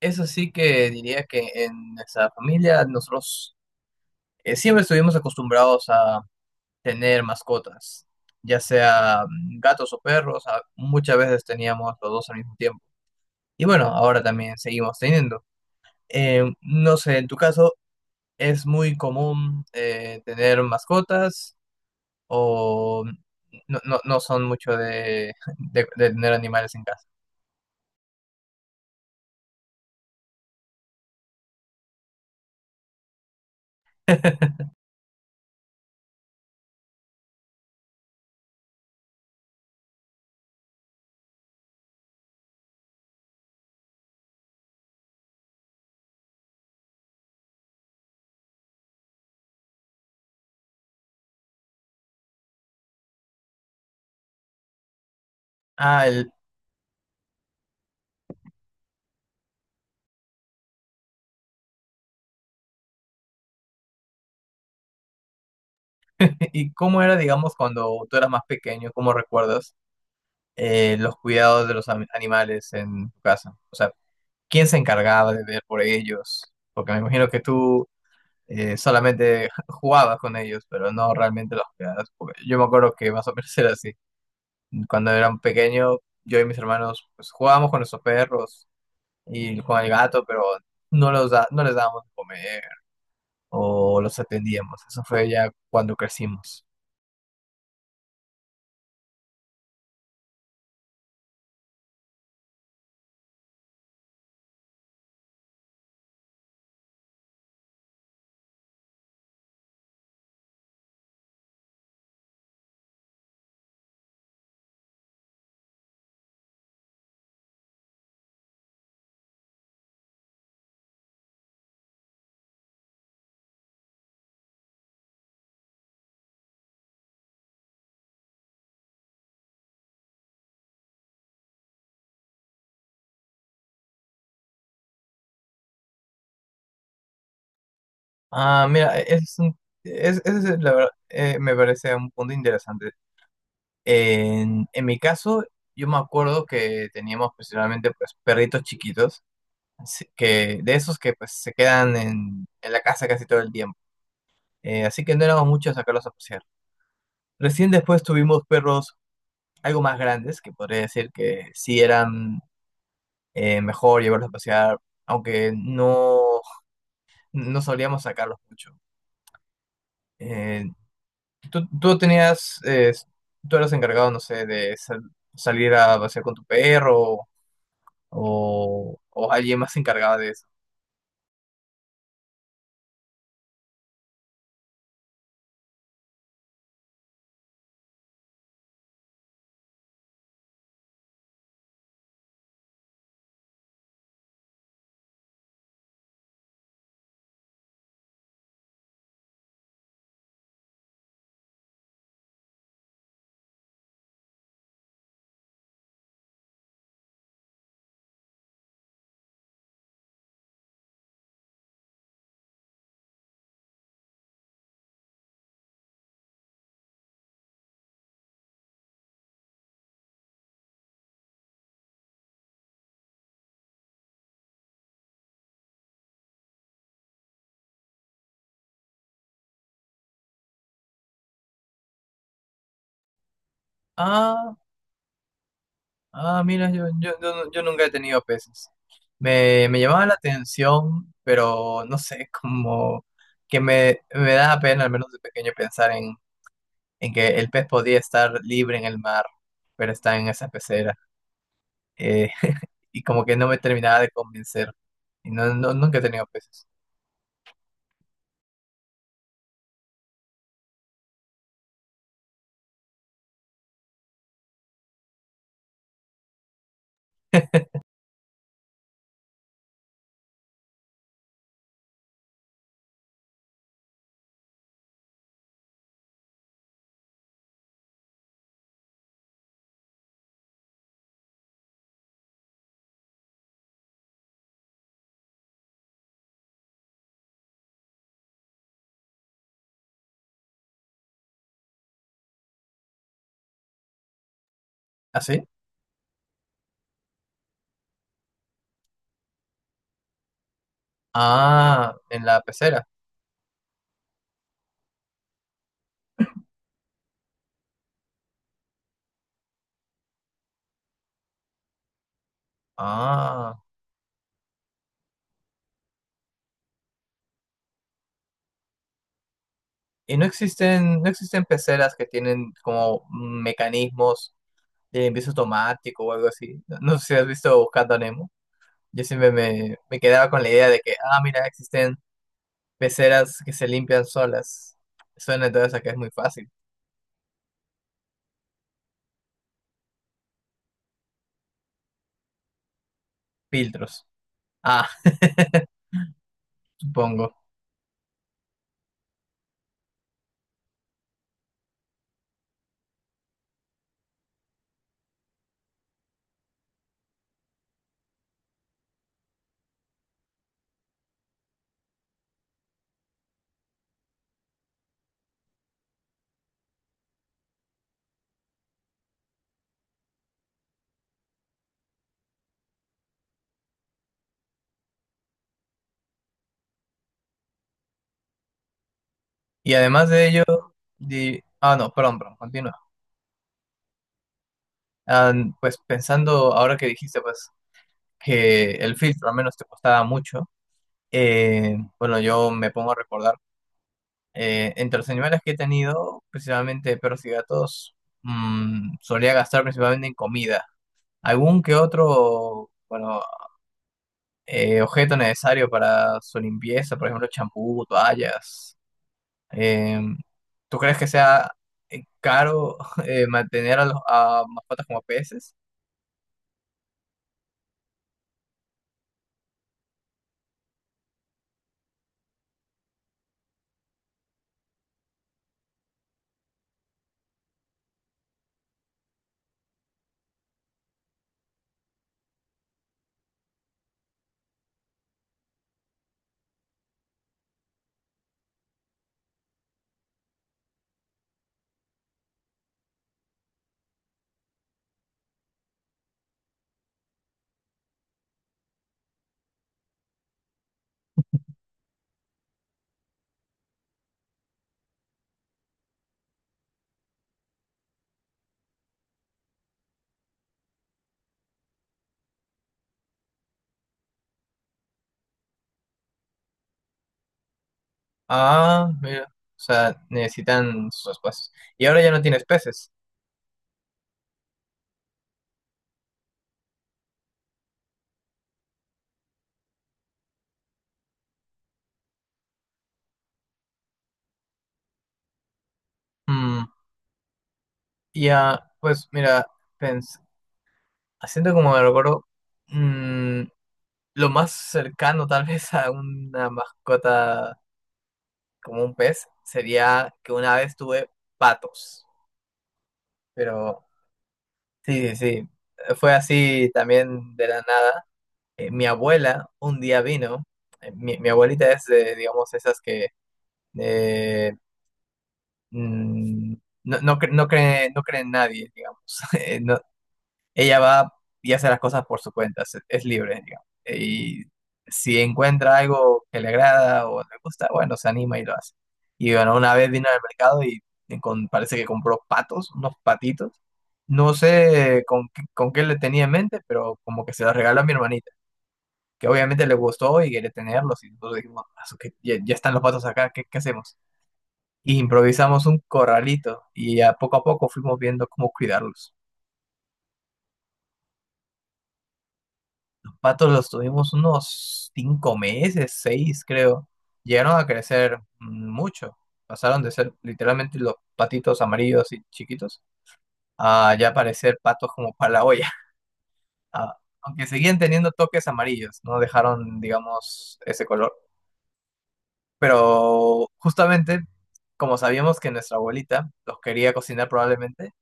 Eso sí que diría que en nuestra familia nosotros siempre estuvimos acostumbrados a tener mascotas, ya sea gatos o perros, muchas veces teníamos los dos al mismo tiempo. Y bueno, ahora también seguimos teniendo. No sé, en tu caso, ¿es muy común tener mascotas o no son mucho de, de tener animales en casa? Ah, ¿Y cómo era, digamos, cuando tú eras más pequeño? ¿Cómo recuerdas los cuidados de los animales en tu casa? O sea, ¿quién se encargaba de ver por ellos? Porque me imagino que tú solamente jugabas con ellos, pero no realmente los cuidabas. Porque yo me acuerdo que más o menos era así. Cuando era un pequeño, yo y mis hermanos pues, jugábamos con nuestros perros y con el gato, pero no, no les dábamos de comer o los atendíamos. Eso fue ya cuando crecimos. Ah, mira, ese es, la verdad, me parece un punto interesante. En mi caso, yo me acuerdo que teníamos principalmente pues perritos chiquitos, así que de esos que pues se quedan en la casa casi todo el tiempo. Así que no éramos muchos a sacarlos a pasear. Recién después tuvimos perros algo más grandes, que podría decir que sí eran mejor llevarlos a pasear, aunque no, no solíamos sacarlos mucho. Eh, tú tenías, tú eras encargado, no sé, salir a pasear con tu perro o alguien más se encargaba de eso. Ah, ah, mira, yo nunca he tenido peces. Me llamaba la atención, pero no sé, como que me da pena, al menos de pequeño, pensar en que el pez podía estar libre en el mar, pero está en esa pecera. Eh, y como que no me terminaba de convencer. Y nunca he tenido peces. ¿Ah, sí? Ah, en la pecera. Ah. Y no existen peceras que tienen como mecanismos de limpieza automático o algo así. No, no sé si has visto Buscando a Nemo. Yo siempre me quedaba con la idea de que, ah, mira, existen peceras que se limpian solas. Suena entonces a que es muy fácil. Filtros. Ah, supongo. Y además de ello, no, perdón, perdón, continúa. Ah, pues pensando ahora que dijiste, pues, que el filtro al menos te costaba mucho, bueno, yo me pongo a recordar. Entre los animales que he tenido, principalmente perros y gatos, solía gastar principalmente en comida. Algún que otro, bueno, objeto necesario para su limpieza, por ejemplo, champú, toallas. Eh, ¿Tú crees que sea caro mantener a mascotas como peces? Ah, mira, o sea, necesitan sus espacios. Y ahora ya no tienes peces. Mm, ya, pues mira, pens- haciendo como me recuerdo. mm, Lo más cercano tal vez a una mascota como un pez sería que una vez tuve patos, pero sí, sí, sí, fue así también de la nada. Mi abuela un día vino, mi abuelita es de, digamos, esas que eh, mm, no cree, no cree en nadie, digamos. No Ella va y hace las cosas por su cuenta, es libre, digamos. Y si encuentra algo que le agrada o le gusta, bueno, se anima y lo hace. Y bueno, una vez vino al mercado y parece que compró patos, unos patitos. No sé con qué le tenía en mente, pero como que se los regaló a mi hermanita, que obviamente le gustó y quería tenerlos. Y nosotros dijimos, "Ah, su que ya, ya están los patos acá, qué hacemos?" Y improvisamos un corralito y a poco fuimos viendo cómo cuidarlos. Patos los tuvimos unos cinco meses, seis creo. Llegaron a crecer mucho. Pasaron de ser literalmente los patitos amarillos y chiquitos a ya parecer patos como para la olla. Ah, aunque seguían teniendo toques amarillos, no dejaron, digamos, ese color. Pero justamente, como sabíamos que nuestra abuelita los quería cocinar probablemente,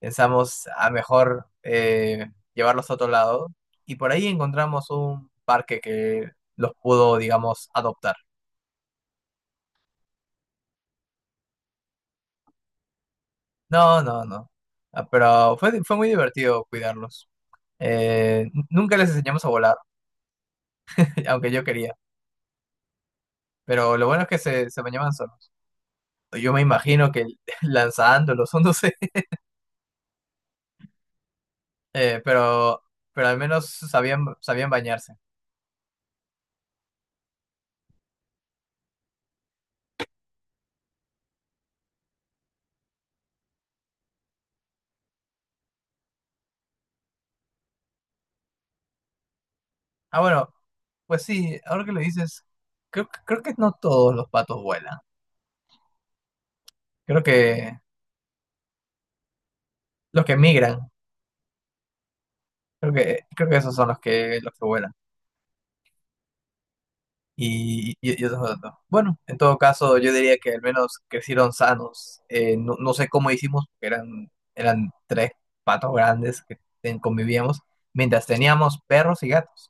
pensamos a mejor llevarlos a otro lado, y por ahí encontramos un parque que los pudo, digamos, adoptar. No, no, no. Ah, pero fue muy divertido cuidarlos. Eh, Nunca les enseñamos a volar, aunque yo quería. Pero lo bueno es que se bañaban solos. Yo me imagino que lanzándolos, o no sé. Eh, pero, pero al menos sabían bañarse. Ah, bueno, pues sí, ahora que lo dices, creo que no todos los patos vuelan. Creo que los que migran, creo que esos son los que vuelan. Y esos otros. Bueno, en todo caso, yo diría que al menos crecieron sanos. No sé cómo hicimos, porque eran tres patos grandes que convivíamos, mientras teníamos perros y gatos.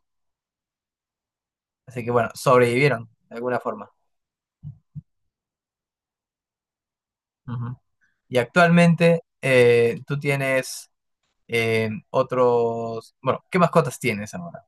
Así que bueno, sobrevivieron de alguna forma. Ujú. Y actualmente tú tienes otros... Bueno, ¿qué mascotas tienes ahora?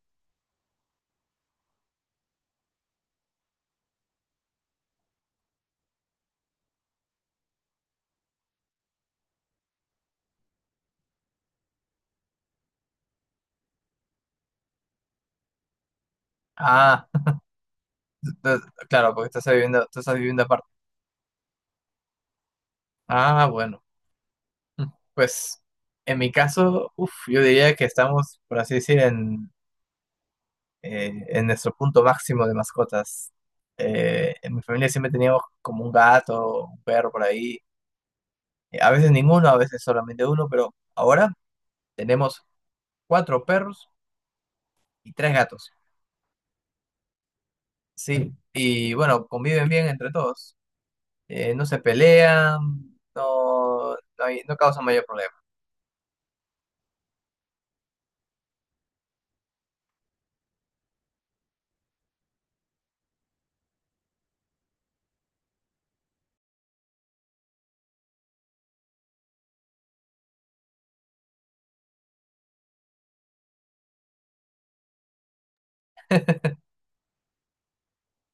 Ah, entonces, claro, porque estás viviendo, tú estás viviendo aparte. Ah, bueno. Mm, Pues en mi caso, uf, yo diría que estamos, por así decir, en nuestro punto máximo de mascotas. En mi familia siempre teníamos como un gato, un perro por ahí. A veces ninguno, a veces solamente uno, pero ahora tenemos cuatro perros y tres gatos. Sí, y bueno, conviven bien entre todos. No se pelean, no causan mayor problema.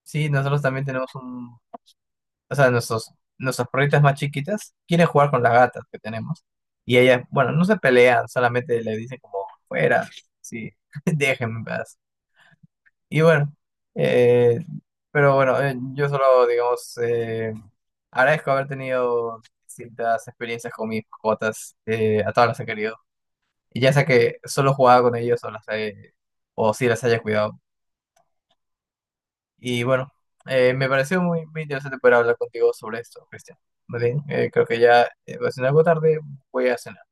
Sí, nosotros también tenemos un... o sea, nuestras perritas más chiquitas quieren jugar con las gatas que tenemos. Y ellas, bueno, no se pelean, solamente le dicen como, fuera, sí, déjenme en paz. Y bueno, eh, yo solo, digamos, agradezco haber tenido distintas experiencias con mis mascotas, a todas las he querido. Y ya sea que solo jugaba con ellos o o si las haya cuidado. Y bueno, me pareció muy, muy interesante poder hablar contigo sobre esto, Cristian. Más bien, creo que ya va siendo algo tarde, voy a cenar.